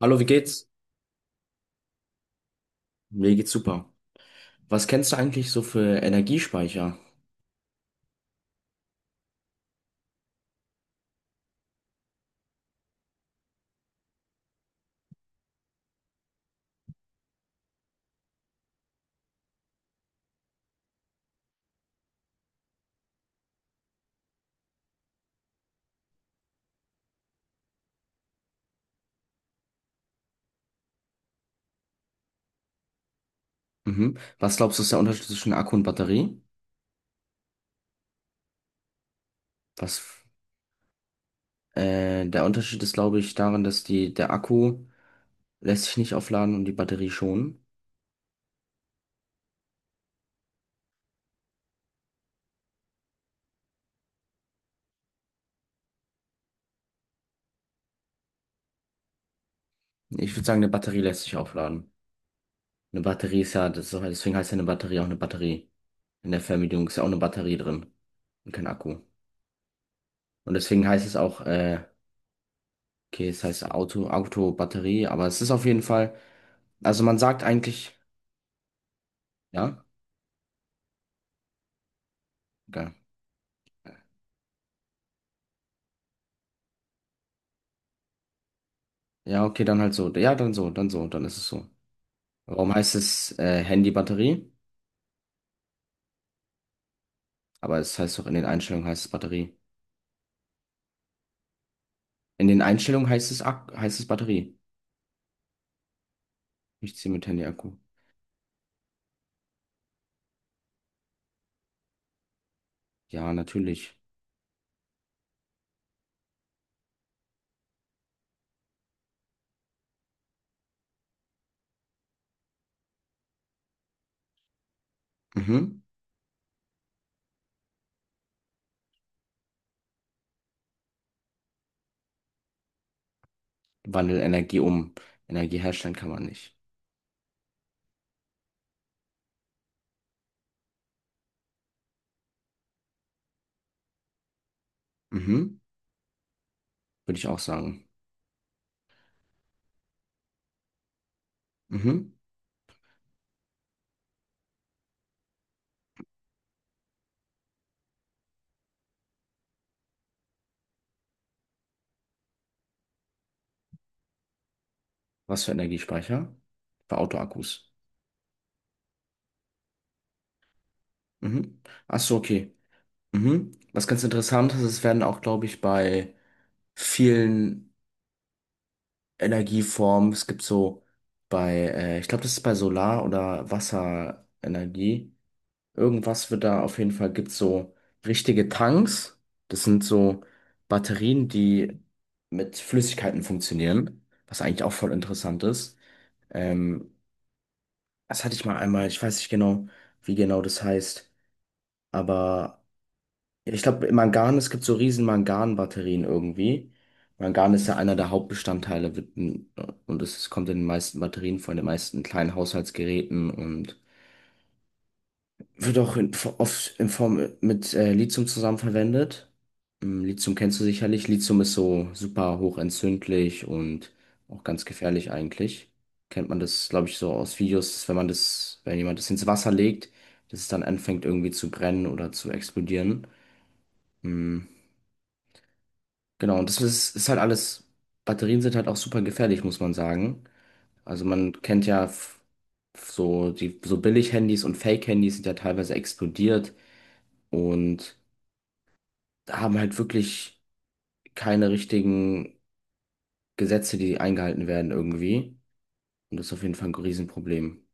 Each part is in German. Hallo, wie geht's? Mir geht's super. Was kennst du eigentlich so für Energiespeicher? Mhm. Was glaubst du, ist der Unterschied zwischen Akku und Batterie? Was, Der Unterschied ist, glaube ich, darin, dass der Akku lässt sich nicht aufladen und die Batterie schon. Ich würde sagen, eine Batterie lässt sich aufladen. Eine Batterie ist ja, das ist, deswegen heißt ja eine Batterie auch eine Batterie. In der Fernbedienung ist ja auch eine Batterie drin und kein Akku. Und deswegen heißt es auch, okay, es heißt Auto, Auto, Batterie, aber es ist auf jeden Fall, also man sagt eigentlich, ja, geil. Ja, okay, dann halt so. Ja, dann so, dann so, dann ist es so. Warum heißt es Handy-Batterie? Aber es heißt doch, in den Einstellungen heißt es Batterie. In den Einstellungen heißt es, Ak heißt es Batterie. Ich ziehe mit Handy-Akku. Ja, natürlich. Mhm. Wandel Energie um. Energie herstellen kann man nicht. Mhm. Würde ich auch sagen. Mhm. Was für Energiespeicher? Für Autoakkus. Mhm. Ach so, okay. Mhm. Was ganz interessant ist, es werden auch, glaube ich, bei vielen Energieformen. Es gibt so bei, ich glaube, das ist bei Solar- oder Wasserenergie. Irgendwas wird da auf jeden Fall, gibt so richtige Tanks. Das sind so Batterien, die mit Flüssigkeiten funktionieren, was eigentlich auch voll interessant ist. Ähm, Das hatte ich mal einmal, ich weiß nicht genau, wie genau das heißt, aber. Ich glaube, Mangan, es gibt so riesen Mangan-Batterien irgendwie. Mangan ist ja einer der Hauptbestandteile und es kommt in den meisten Batterien vor, in den meisten kleinen Haushaltsgeräten und wird auch in, oft in Form mit Lithium zusammen verwendet. Lithium kennst du sicherlich. Lithium ist so super hochentzündlich und auch ganz gefährlich eigentlich. Kennt man das, glaube ich, so aus Videos, dass wenn man das, wenn jemand das ins Wasser legt, dass es dann anfängt irgendwie zu brennen oder zu explodieren. Mm. Genau, und das ist, ist halt alles, Batterien sind halt auch super gefährlich, muss man sagen. Also man kennt ja so die so Billig-Handys und Fake-Handys sind ja teilweise explodiert und haben halt wirklich keine richtigen Gesetze, die eingehalten werden irgendwie. Und das ist auf jeden Fall ein Riesenproblem.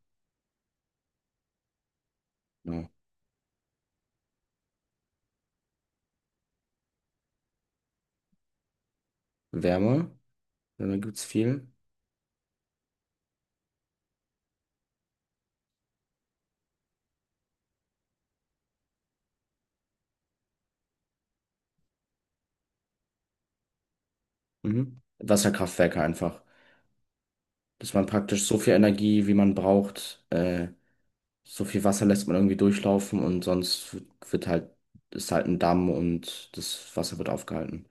Genau. Wärme, Wärme gibt's viel. Mhm. Wasserkraftwerke einfach. Dass man praktisch so viel Energie, wie man braucht, so viel Wasser lässt man irgendwie durchlaufen und sonst wird halt, ist halt ein Damm und das Wasser wird aufgehalten.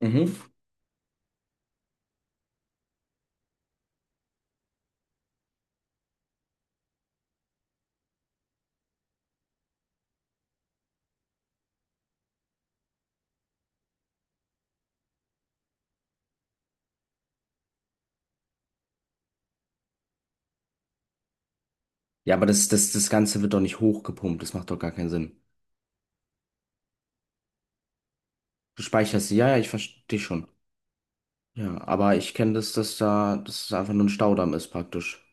Mhm. Ja, aber das Ganze wird doch nicht hochgepumpt, das macht doch gar keinen Sinn. Du speicherst sie, ja, ja, ich verstehe schon. Ja, aber ich kenne das, dass da, dass es einfach nur ein Staudamm ist praktisch.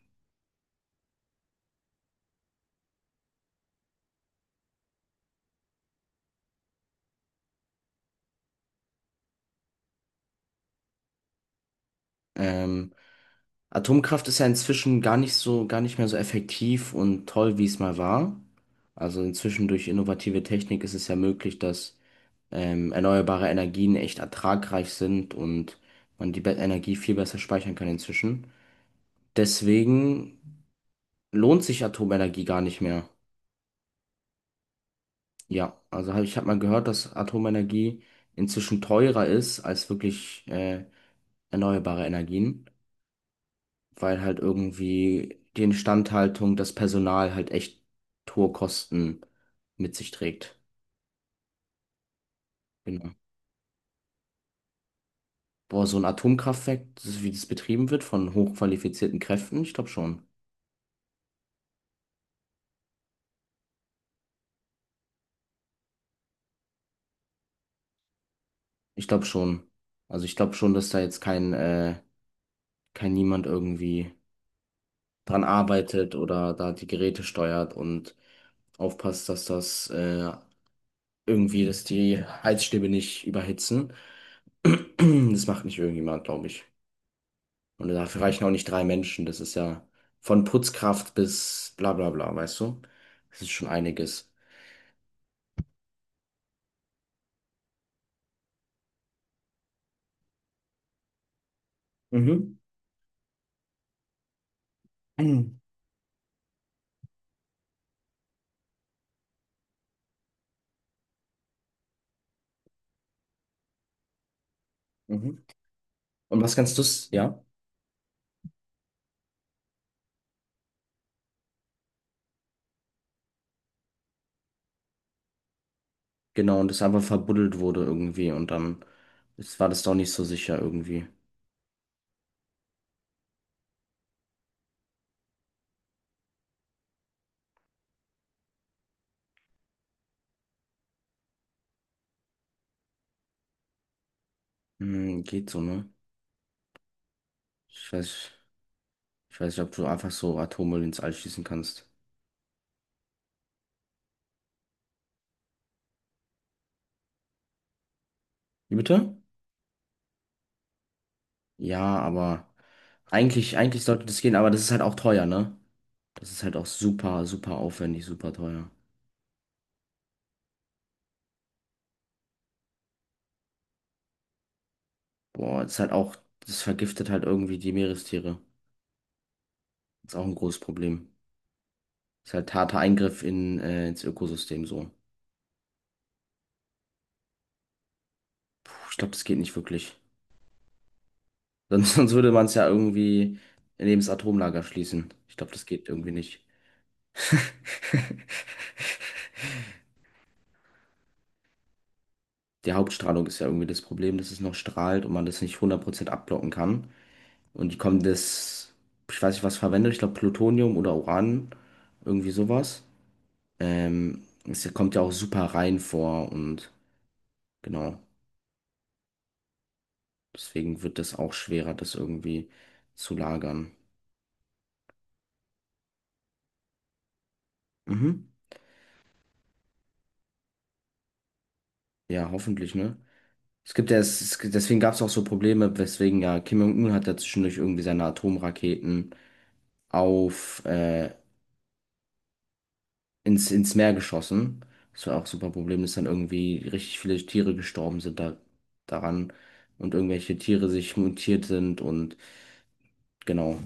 Ähm, Atomkraft ist ja inzwischen gar nicht so, gar nicht mehr so effektiv und toll, wie es mal war. Also inzwischen durch innovative Technik ist es ja möglich, dass erneuerbare Energien echt ertragreich sind und man die Energie viel besser speichern kann inzwischen. Deswegen lohnt sich Atomenergie gar nicht mehr. Ja, ich habe mal gehört, dass Atomenergie inzwischen teurer ist als wirklich erneuerbare Energien, weil halt irgendwie die Instandhaltung, das Personal halt echt hohe Kosten mit sich trägt. Genau. Boah, so ein Atomkraftwerk, das ist, wie das betrieben wird von hochqualifizierten Kräften, ich glaube schon. Ich glaube schon. Also ich glaube schon, dass da jetzt kein niemand irgendwie dran arbeitet oder da die Geräte steuert und aufpasst, dass das irgendwie, dass die Heizstäbe nicht überhitzen. Das macht nicht irgendjemand, glaube ich. Und dafür reichen auch nicht drei Menschen. Das ist ja von Putzkraft bis bla bla bla, weißt du? Das ist schon einiges. Mhm. Mhm. Und was kannst du, ja? Genau, und das einfach verbuddelt wurde irgendwie und dann ist, war das doch nicht so sicher irgendwie. Hm, geht so, ne? Ich weiß, Ich weiß nicht, ob du einfach so Atommüll ins All schießen kannst. Wie bitte? Ja, aber eigentlich, eigentlich sollte das gehen, aber das ist halt auch teuer, ne? Das ist halt auch super, super aufwendig, super teuer. Boah, das ist halt auch, das vergiftet halt irgendwie die Meerestiere. Ist auch ein großes Problem. Ist halt harter Eingriff ins Ökosystem so. Puh, ich glaube, das geht nicht wirklich. Sonst, sonst würde man es ja irgendwie neben das Atomlager schließen. Ich glaube, das geht irgendwie nicht. Die Hauptstrahlung ist ja irgendwie das Problem, dass es noch strahlt und man das nicht 100% abblocken kann. Und die kommen das, ich weiß nicht, was verwendet, ich glaube Plutonium oder Uran, irgendwie sowas. Es kommt ja auch super rein vor und genau, deswegen wird das auch schwerer, das irgendwie zu lagern. Mhm. Ja, hoffentlich, ne? Es gibt ja, deswegen gab es auch so Probleme, weswegen ja Kim Jong-un hat ja zwischendurch irgendwie seine Atomraketen auf, äh, ins, ins Meer geschossen. Das war auch super Problem, dass dann irgendwie richtig viele Tiere gestorben sind da, daran und irgendwelche Tiere sich mutiert sind und genau,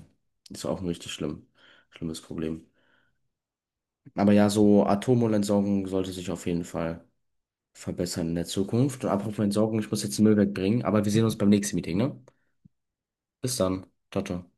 das war auch ein richtig schlimm, schlimmes Problem. Aber ja, so Atommüllentsorgung sollte sich auf jeden Fall verbessern in der Zukunft. Und apropos Entsorgung, ich muss jetzt den Müll wegbringen, aber wir sehen uns beim nächsten Meeting, ne? Bis dann. Ciao, ciao.